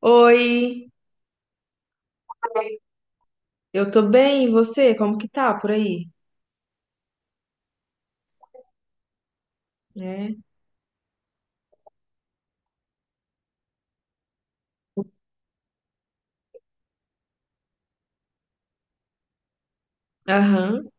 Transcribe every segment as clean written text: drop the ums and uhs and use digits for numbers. Oi, eu tô bem, e você? Como que tá por aí? É. Aham.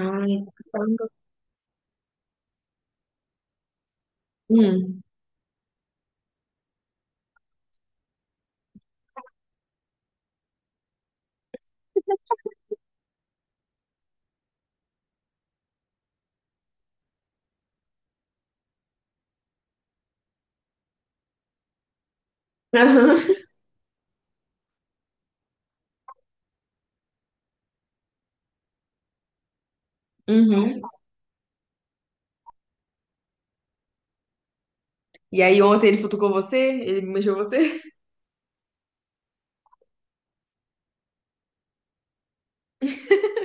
Ai, caramba. Hum. Aham. Uhum. E aí ontem ele futucou você? Ele mexeu você?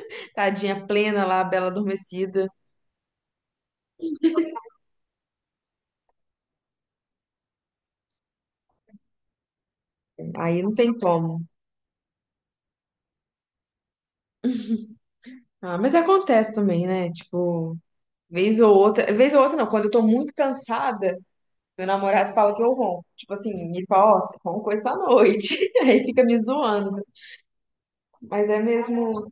Tadinha plena lá, bela adormecida. Aí não tem como. Ah, mas acontece também, né? Tipo, vez ou outra não, quando eu tô muito cansada, meu namorado fala que eu ronco. Tipo assim, ele fala, ó, você roncou essa noite. Aí fica me zoando. Mas é mesmo.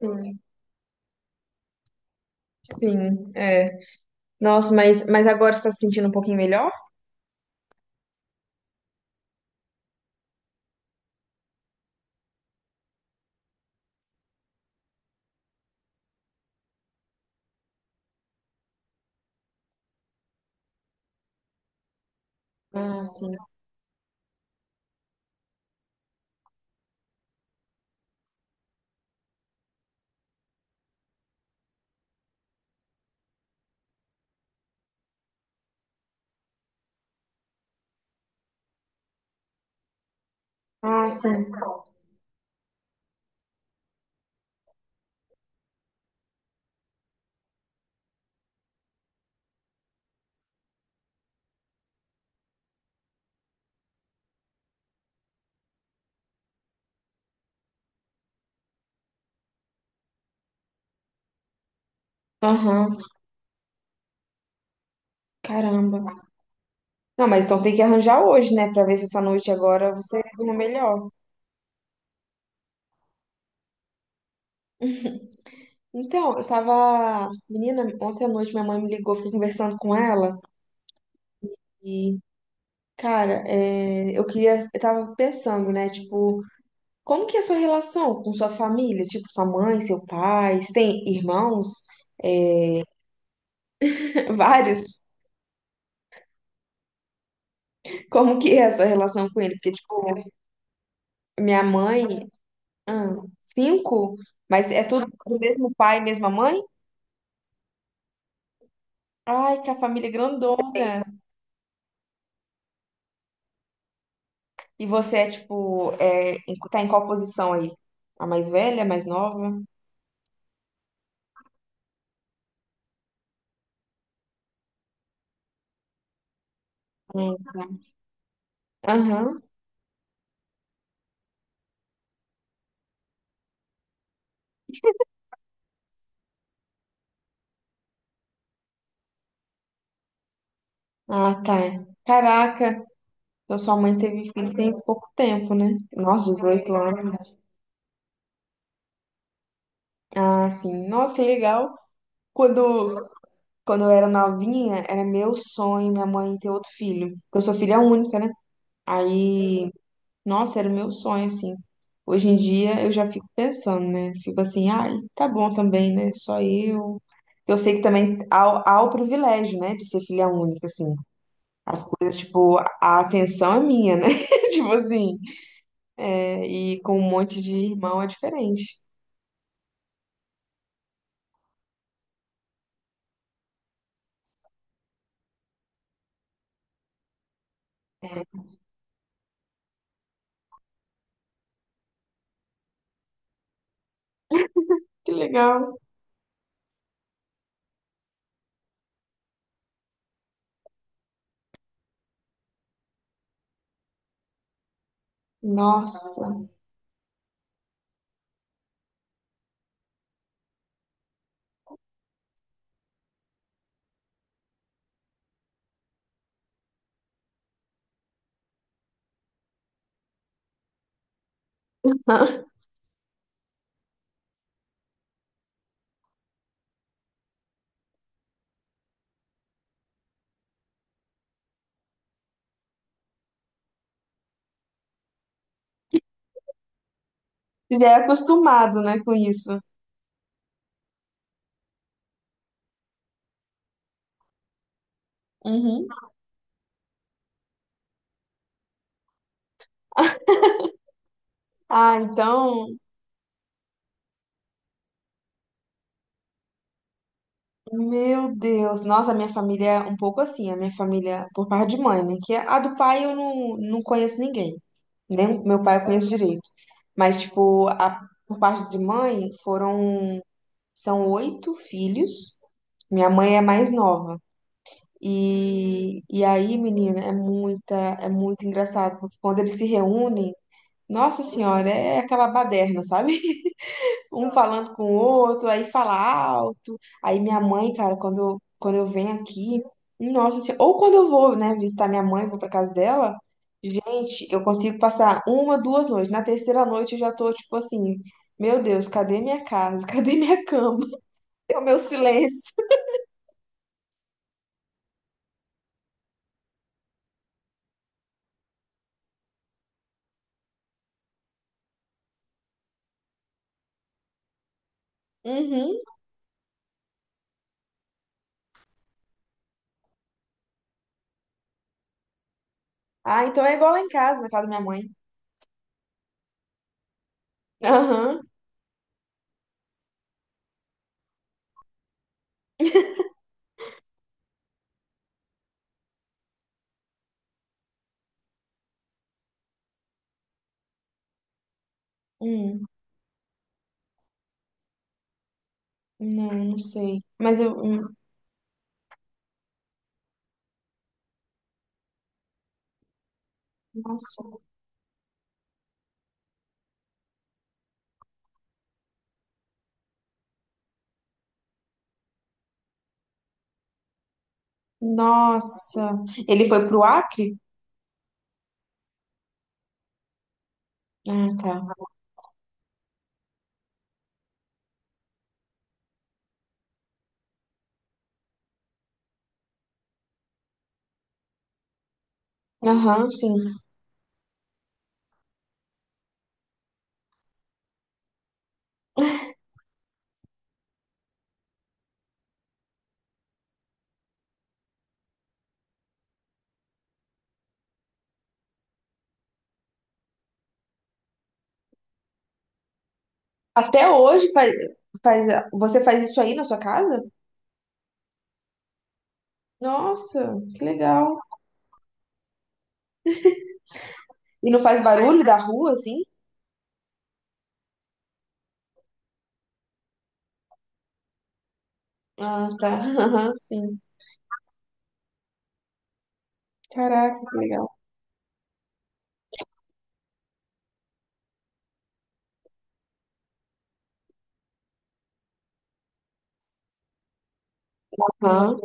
Assim, sim, é. Nossa, mas agora você tá se sentindo um pouquinho melhor? Ah, sim. Ah, sim. Aham. Caramba. Não, mas então tem que arranjar hoje, né? Pra ver se essa noite agora você dorme melhor. Então, eu tava. Menina, ontem à noite minha mãe me ligou, fiquei conversando com ela. E, cara, é, eu queria. Eu tava pensando, né? Tipo. Como que é a sua relação com sua família? Tipo, sua mãe, seu pai? Você tem irmãos? É, vários? Como que é essa relação com ele? Porque, tipo, minha mãe... ah, cinco? Mas é tudo do mesmo pai, mesma mãe? Ai, que a família é grandona! E você é, tipo... É... em- Tá em qual posição aí? A mais velha, a mais nova? Hum. Aham. Ah, tá. Caraca, então sua mãe teve filho tem pouco tempo, né? Nossa, 18 anos. Ah, sim. Nossa, que legal. Quando, quando eu era novinha, era meu sonho minha mãe ter outro filho. Porque eu sou filha única, né? Aí, nossa, era o meu sonho, assim. Hoje em dia eu já fico pensando, né? Fico assim, ai, tá bom também, né? Só eu. Eu sei que também há o privilégio, né, de ser filha única, assim. As coisas, tipo, a atenção é minha, né? Tipo assim. É, e com um monte de irmão é diferente. Que legal. Nossa. Já é acostumado, né, com isso. Uhum. Ah, então, meu Deus. Nossa, a minha família é um pouco assim, a minha família por parte de mãe, né? Que é a do pai eu não, não conheço ninguém. Nem o meu pai eu conheço direito. Mas, tipo, a, por parte de mãe foram, são 8 filhos. Minha mãe é mais nova. E aí, menina, é muita, é muito engraçado, porque quando eles se reúnem, nossa senhora, é aquela baderna, sabe? Um falando com o outro, aí fala alto. Aí minha mãe, cara, quando eu venho aqui, nossa, assim, ou quando eu vou, né, visitar minha mãe, vou pra casa dela, gente, eu consigo passar uma, duas noites. Na terceira noite eu já tô tipo assim, meu Deus, cadê minha casa? Cadê minha cama? É o meu silêncio. Uhum. Ah, então é igual lá em casa, na casa da minha mãe. Aham. Hum. Não, não sei. Mas eu. Hum. Nossa. Nossa. Ele foi pro Acre? Ah, tá. Aham, sim. Até hoje faz, faz, você faz isso aí na sua casa? Nossa, que legal. E não faz barulho da rua, assim? Ah, tá. Aham, sim. Caraca, que legal. Aham.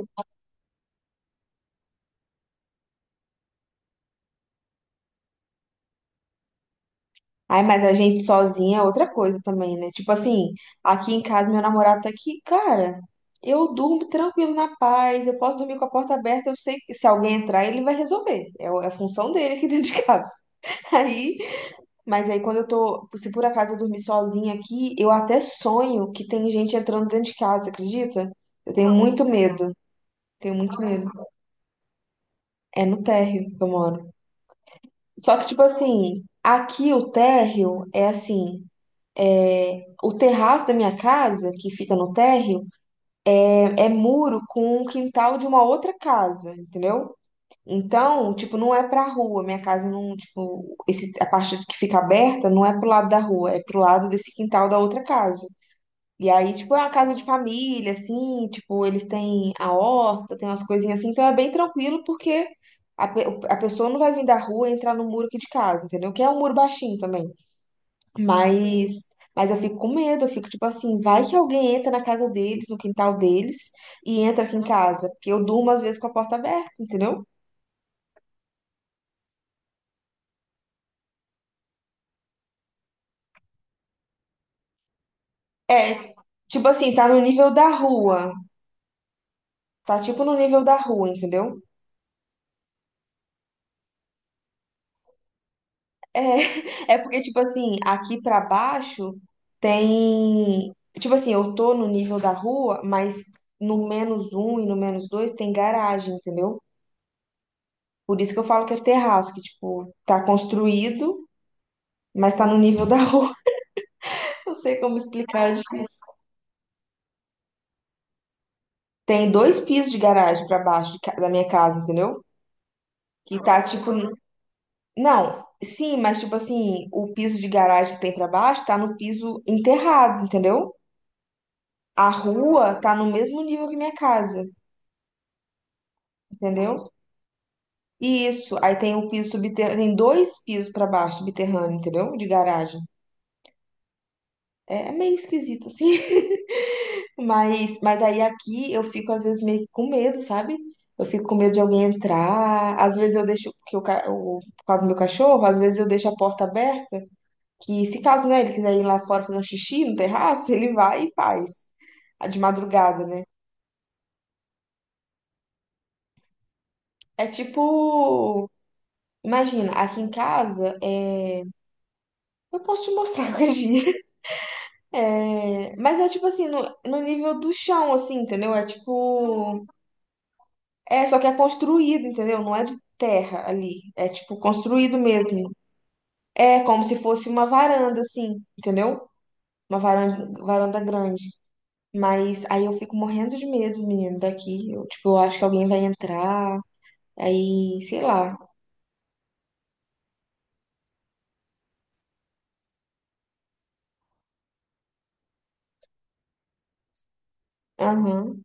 Ai, mas a gente sozinha é outra coisa também, né? Tipo assim, aqui em casa, meu namorado tá aqui, cara. Eu durmo tranquilo na paz, eu posso dormir com a porta aberta, eu sei que se alguém entrar, ele vai resolver. É o- é a função dele aqui dentro de casa. Aí mas aí quando eu tô, se por acaso eu dormir sozinha aqui, eu até sonho que tem gente entrando dentro de casa, acredita? Eu tenho muito medo, tenho muito medo. É no térreo que eu moro. Só que, tipo assim, aqui o térreo é assim, o terraço da minha casa, que fica no térreo, é, é muro com o quintal de uma outra casa, entendeu? Então, tipo, não é pra rua, minha casa não, tipo, esse, a parte que fica aberta não é pro lado da rua, é pro lado desse quintal da outra casa. E aí, tipo, é uma casa de família, assim, tipo, eles têm a horta, tem umas coisinhas assim, então é bem tranquilo porque a, pe- a pessoa não vai vir da rua e entrar no muro aqui de casa, entendeu? Que é um muro baixinho também. Mas, mas eu fico com medo, eu fico tipo assim, vai que alguém entra na casa deles, no quintal deles, e entra aqui em casa, porque eu durmo às vezes com a porta aberta, entendeu? É, tipo assim, tá no nível da rua, tá tipo no nível da rua, entendeu? É, é porque, tipo assim, aqui pra baixo tem. Tipo assim, eu tô no nível da rua, mas no menos um e no menos dois tem garagem, entendeu? Por isso que eu falo que é terraço, que, tipo, tá construído, mas tá no nível da rua. Não sei como explicar, é difícil. Tem dois pisos de garagem pra baixo de ca- da minha casa, entendeu? Que tá, tipo. N- Não, sim, mas, tipo assim, o piso de garagem que tem pra baixo tá no piso enterrado, entendeu? A rua tá no mesmo nível que minha casa, entendeu? E isso, aí tem o piso subterrâneo, tem dois pisos pra baixo, subterrâneo, entendeu? De garagem. É, é meio esquisito, assim. Mas aí aqui eu fico, às vezes, meio que com medo, sabe? Eu fico com medo de alguém entrar. Às vezes eu deixo, porque o, ca- o, por causa do meu cachorro, às vezes eu deixo a porta aberta, que se caso, né, ele quiser ir lá fora fazer um xixi no terraço, ele vai e faz. De madrugada, né? É tipo. Imagina, aqui em casa, é... eu posso te mostrar qualquer dia. É... Mas é tipo assim, no, no nível do chão, assim, entendeu? É tipo. É, só que é construído, entendeu? Não é de terra ali. É tipo construído mesmo. É como se fosse uma varanda, assim, entendeu? Uma varanda, varanda grande. Mas aí eu fico morrendo de medo, menino, daqui. Eu, tipo, eu acho que alguém vai entrar. Aí, sei lá. Aham.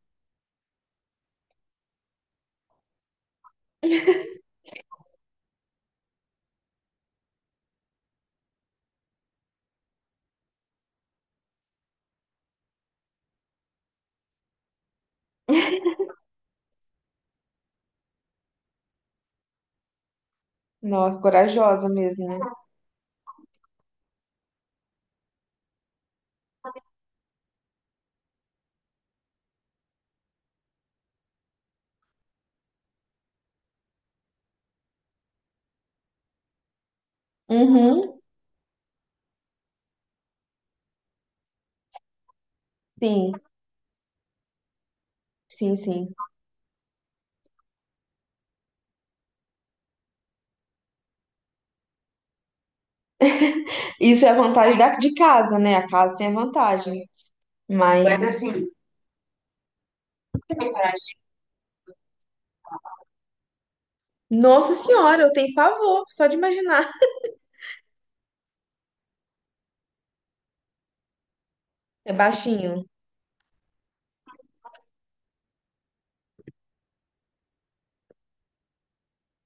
Nossa, corajosa mesmo, né? Uhum. Sim, sim, sim. Isso é a vantagem da, mas, de casa, né? A casa tem a vantagem. Mas assim, nossa senhora, eu tenho pavor, só de imaginar. É baixinho.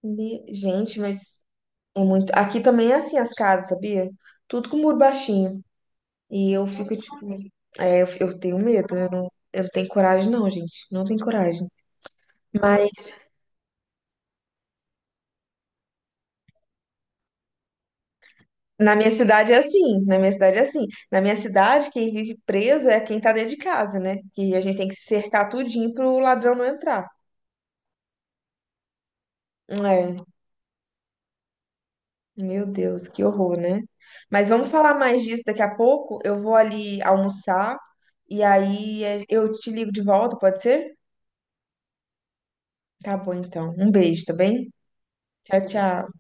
Me- Gente, mas é muito. Aqui também é assim as casas, sabia? Tudo com muro baixinho. E eu fico tipo. É, eu tenho medo, eu não tenho coragem, não, gente. Não tenho coragem. Mas na minha cidade é assim. Na minha cidade é assim. Na minha cidade, quem vive preso é quem tá dentro de casa, né? Que a gente tem que cercar tudinho pro ladrão não entrar. É, meu Deus, que horror, né? Mas vamos falar mais disso daqui a pouco. Eu vou ali almoçar e aí eh, eu te ligo de volta, pode ser? Tá bom, então. Um beijo, tá bem? Tchau, tchau.